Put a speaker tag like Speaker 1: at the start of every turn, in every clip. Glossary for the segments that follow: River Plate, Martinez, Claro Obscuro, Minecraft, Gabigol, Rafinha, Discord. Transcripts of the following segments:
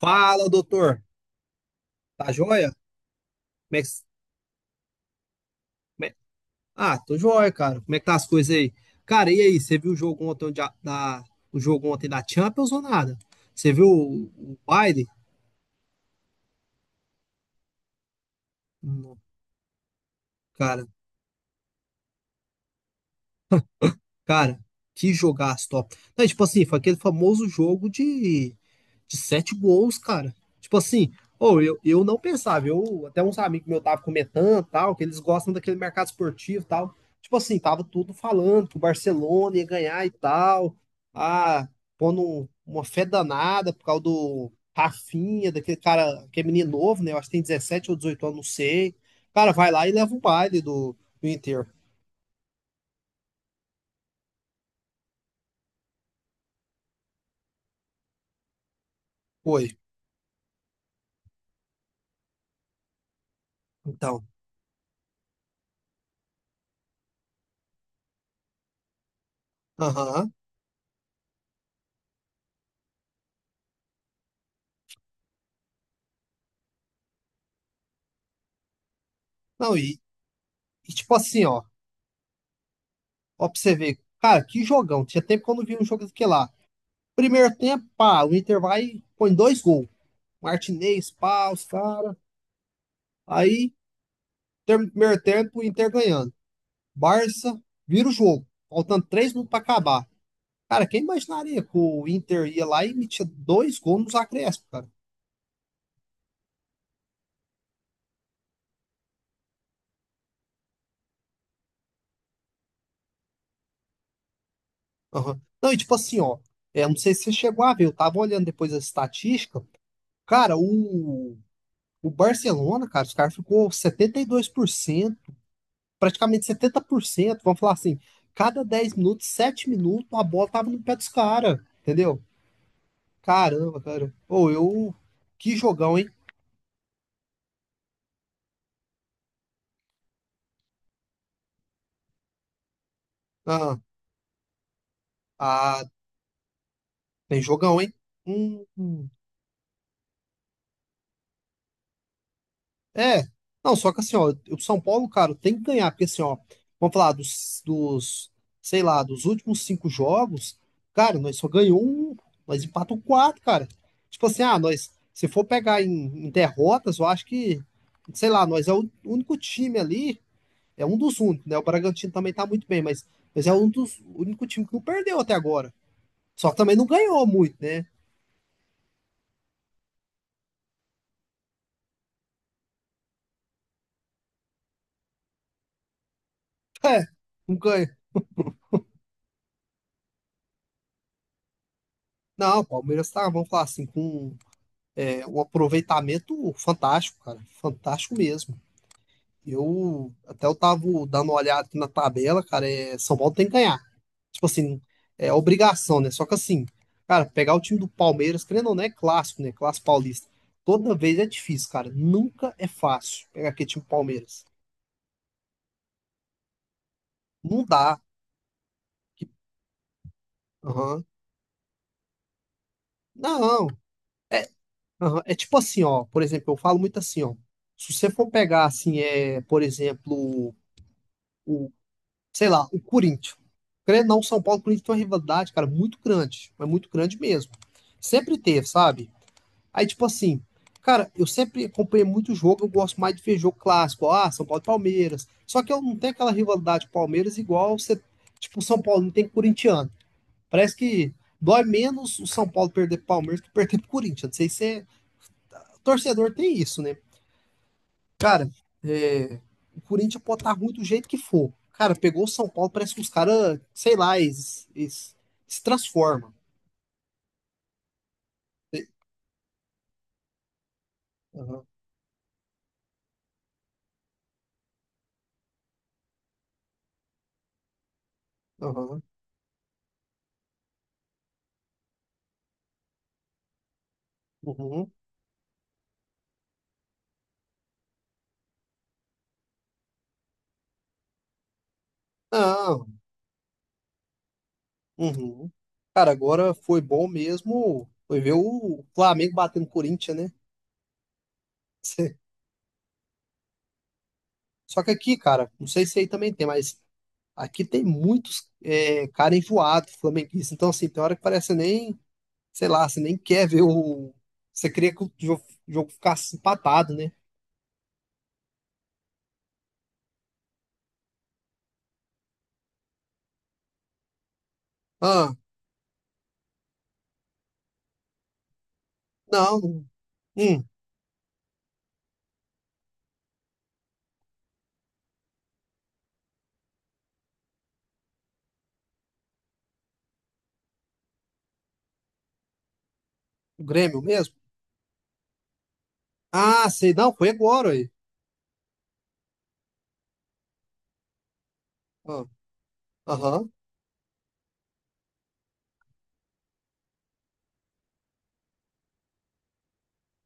Speaker 1: Fala, doutor. Tá joia? Como é que... como é- Ah, tô joia, cara. Como é que tá as coisas aí? Cara, e aí? Você viu o jogo ontem de a- da... o jogo ontem da Champions ou nada? Você viu o baile? Não, Cara, Cara, que jogaço top. Não, tipo assim, foi aquele famoso jogo de sete gols, cara. Tipo assim, ou eu não pensava, eu até uns amigos meus tava comentando, tal, que eles gostam daquele mercado esportivo, tal. Tipo assim, tava tudo falando que o Barcelona ia ganhar e tal. Ah, pondo uma fé danada por causa do Rafinha, daquele cara, que é menino novo, né? Eu acho que tem 17 ou 18 anos, não sei. Cara, vai lá e leva o baile do Inter. Foi. Então. Aham. Não, e tipo assim, ó, pra você ver, cara, que jogão. Tinha tempo que eu não vi um jogo daquele lá. Primeiro tempo, pá, o Inter vai e põe dois gols. Martinez, pá, os cara. Aí, primeiro tempo, o Inter ganhando. Barça vira o jogo, faltando 3 minutos pra acabar. Cara, quem imaginaria que o Inter ia lá e metia dois gols nos acréscimos, cara? Aham. Não, e tipo assim, ó, não sei se você chegou a ver, eu tava olhando depois a estatística. Cara, o Barcelona, cara, os caras ficou 72% praticamente 70% vamos falar assim, cada 10 minutos, 7 minutos, a bola tava no pé dos caras, entendeu? Caramba, cara. Ou eu. Que jogão, hein? Ah, ah, tem jogão, hein? Hum, hum. É, não, só que assim, ó, o São Paulo, cara, tem que ganhar, porque assim, ó, vamos falar sei lá, dos últimos cinco jogos, cara, nós só ganhou um, nós empatamos quatro, cara. Tipo assim, ah, nós, se for pegar em derrotas, eu acho que, sei lá, nós é o único time ali, é um dos únicos, né? O Bragantino também tá muito bem, mas é um dos, o único time que não perdeu até agora. Só que também não ganhou muito, né? É, não ganha. Não, o Palmeiras tá, vamos falar assim, com é um aproveitamento fantástico, cara. Fantástico mesmo. Eu tava dando uma olhada aqui na tabela, cara. É, São Paulo tem que ganhar. Tipo assim, é obrigação, né? Só que assim, cara, pegar o time do Palmeiras, querendo ou não, é clássico, né? Clássico paulista. Toda vez é difícil, cara. Nunca é fácil pegar aquele time do Palmeiras. Não dá. Que- Aham. Não. É, aham. É tipo assim, ó. Por exemplo, eu falo muito assim, ó. Se você for pegar, assim, por exemplo, sei lá, o Corinthians. Querendo ou não, São Paulo e Corinthians tem uma rivalidade, cara, muito grande. Mas muito grande mesmo. Sempre teve, sabe? Aí, tipo assim, cara, eu sempre acompanhei muito jogo, eu gosto mais de ver jogo clássico. Ah, São Paulo e Palmeiras. Só que eu não tenho aquela rivalidade com Palmeiras igual você, tipo, o São Paulo não tem corintiano. Parece que dói menos o São Paulo perder pro Palmeiras que perder pro Corinthians. Não sei se torcedor tem isso, né? Cara, é, o Corinthians pode estar ruim do jeito que for. Cara, pegou o São Paulo, parece que os caras, sei lá, eles se transformam. E- Aham, aham, uhum. Não, uhum. Cara, agora foi bom mesmo. Foi ver o Flamengo batendo o Corinthians, né? Cê- Só que aqui, cara, não sei se aí também tem, mas aqui tem muitos cara enjoado, flamenguista. Então, assim, tem hora que parece nem, sei lá, você nem quer ver o. Você queria que o jogo ficasse empatado, né? Ah, não. Hum, o Grêmio mesmo? Ah, sei, não, foi agora aí. Ah, aham.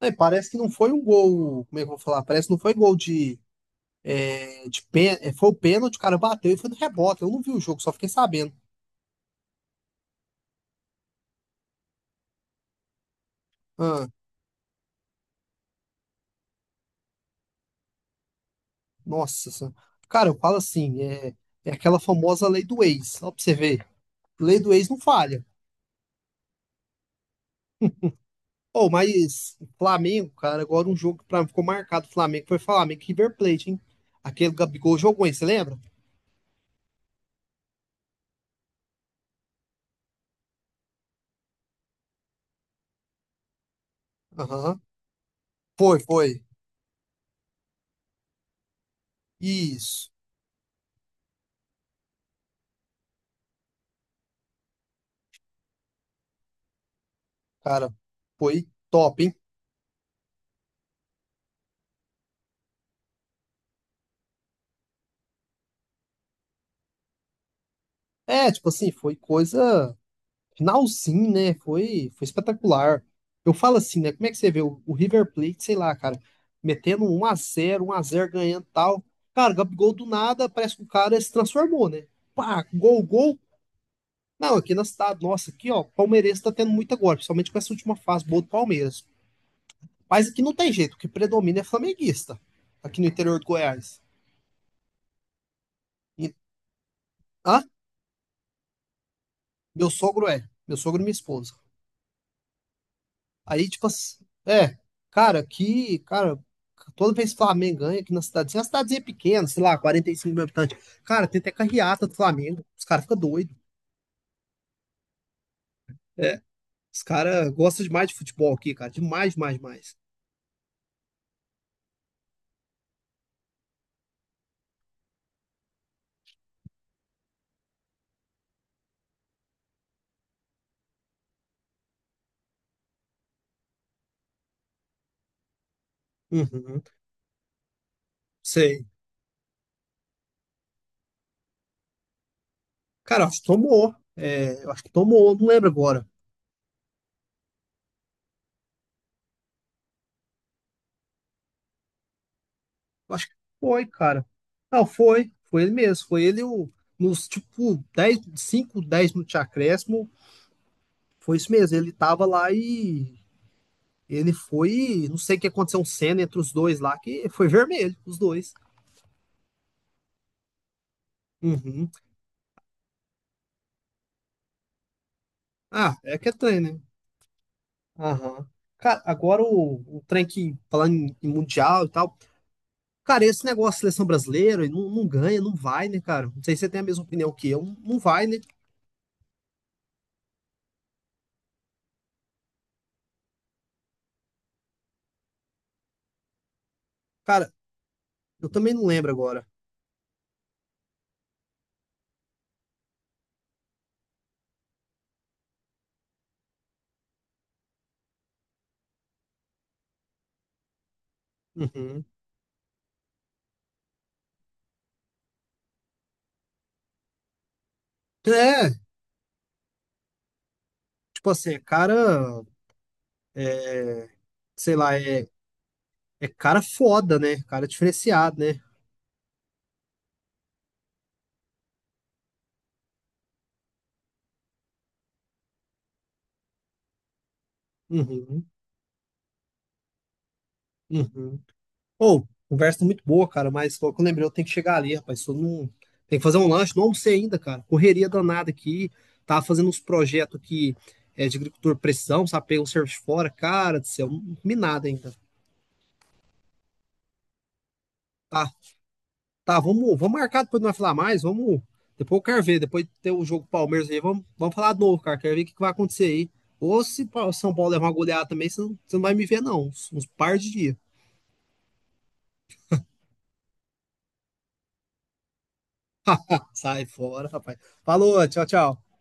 Speaker 1: É, parece que não foi um gol, como é que eu vou falar? Parece que não foi gol de pên- foi o pênalti, o cara bateu e foi no rebote. Eu não vi o jogo, só fiquei sabendo. Ah, nossa, senhora. Cara, eu falo assim, é, aquela famosa lei do ex, só pra você ver. Lei do ex não falha. Oh, mas Flamengo, cara, agora um jogo que pra mim ficou marcado, Flamengo, foi Flamengo e River Plate, hein? Aquele Gabigol jogou, hein, você lembra? Aham. Foi, foi. Isso, cara, foi top, hein? É, tipo assim, foi coisa finalzinho, né? Foi, foi espetacular. Eu falo assim, né? Como é que você vê o River Plate, sei lá, cara, metendo 1-0, 1-0 ganhando e tal. Cara, Gabigol do nada, parece que o cara se transformou, né? Pá, gol, gol. Não, aqui na cidade, nossa, aqui, ó, palmeirense tá tendo muito agora, principalmente com essa última fase boa do Palmeiras. Mas aqui não tem jeito, o que predomina é flamenguista, aqui no interior de Goiás. E, ah, meu sogro e minha esposa. Aí, tipo assim, é, cara, aqui, cara, toda vez que o Flamengo ganha aqui na cidadezinha, uma cidadezinha é pequena, sei lá, 45 mil habitantes. Cara, tem até carreata do Flamengo. Os caras ficam doidos. É, os caras gostam demais de futebol aqui, cara. Demais, demais, demais. Uhum, sei. Cara, eu acho que tomou. É, eu acho que tomou, não lembro agora. Eu acho que foi, cara. Não, foi. Foi ele mesmo. Foi ele o, nos, tipo, 10 5 10 minutos de acréscimo. Foi isso mesmo. Ele tava lá e ele foi, não sei o que aconteceu, um cena entre os dois lá, que foi vermelho, os dois. Uhum. Ah, é que é trem, né? Aham. Cara, agora o trem que, falando em mundial e tal, cara, esse negócio da seleção brasileira e não ganha, não vai, né, cara? Não sei se você tem a mesma opinião que eu, não vai, né? Cara, eu também não lembro agora. Uhum. É, tipo assim, é cara, é, sei lá, cara foda, né? Cara diferenciado, né? Uhum, uhum. Ô, conversa muito boa, cara, mas logo que eu lembrei, eu tenho que chegar ali, rapaz. Só não... Tem que fazer um lanche, não almocei ainda, cara. Correria danada aqui. Tava fazendo uns projetos aqui de agricultura de precisão, sabe? Peguei um serviço fora, cara do céu, não comi nada ainda. Tá, tá, vamos marcar depois não vai falar mais, vamos. Depois eu quero ver, depois ter o jogo do Palmeiras aí, vamos falar de novo, cara. Quero ver o que que vai acontecer aí. Ou se o São Paulo levar uma goleada também, você não vai me ver, não. Uns par de dias. Sai fora, rapaz. Falou, tchau, tchau.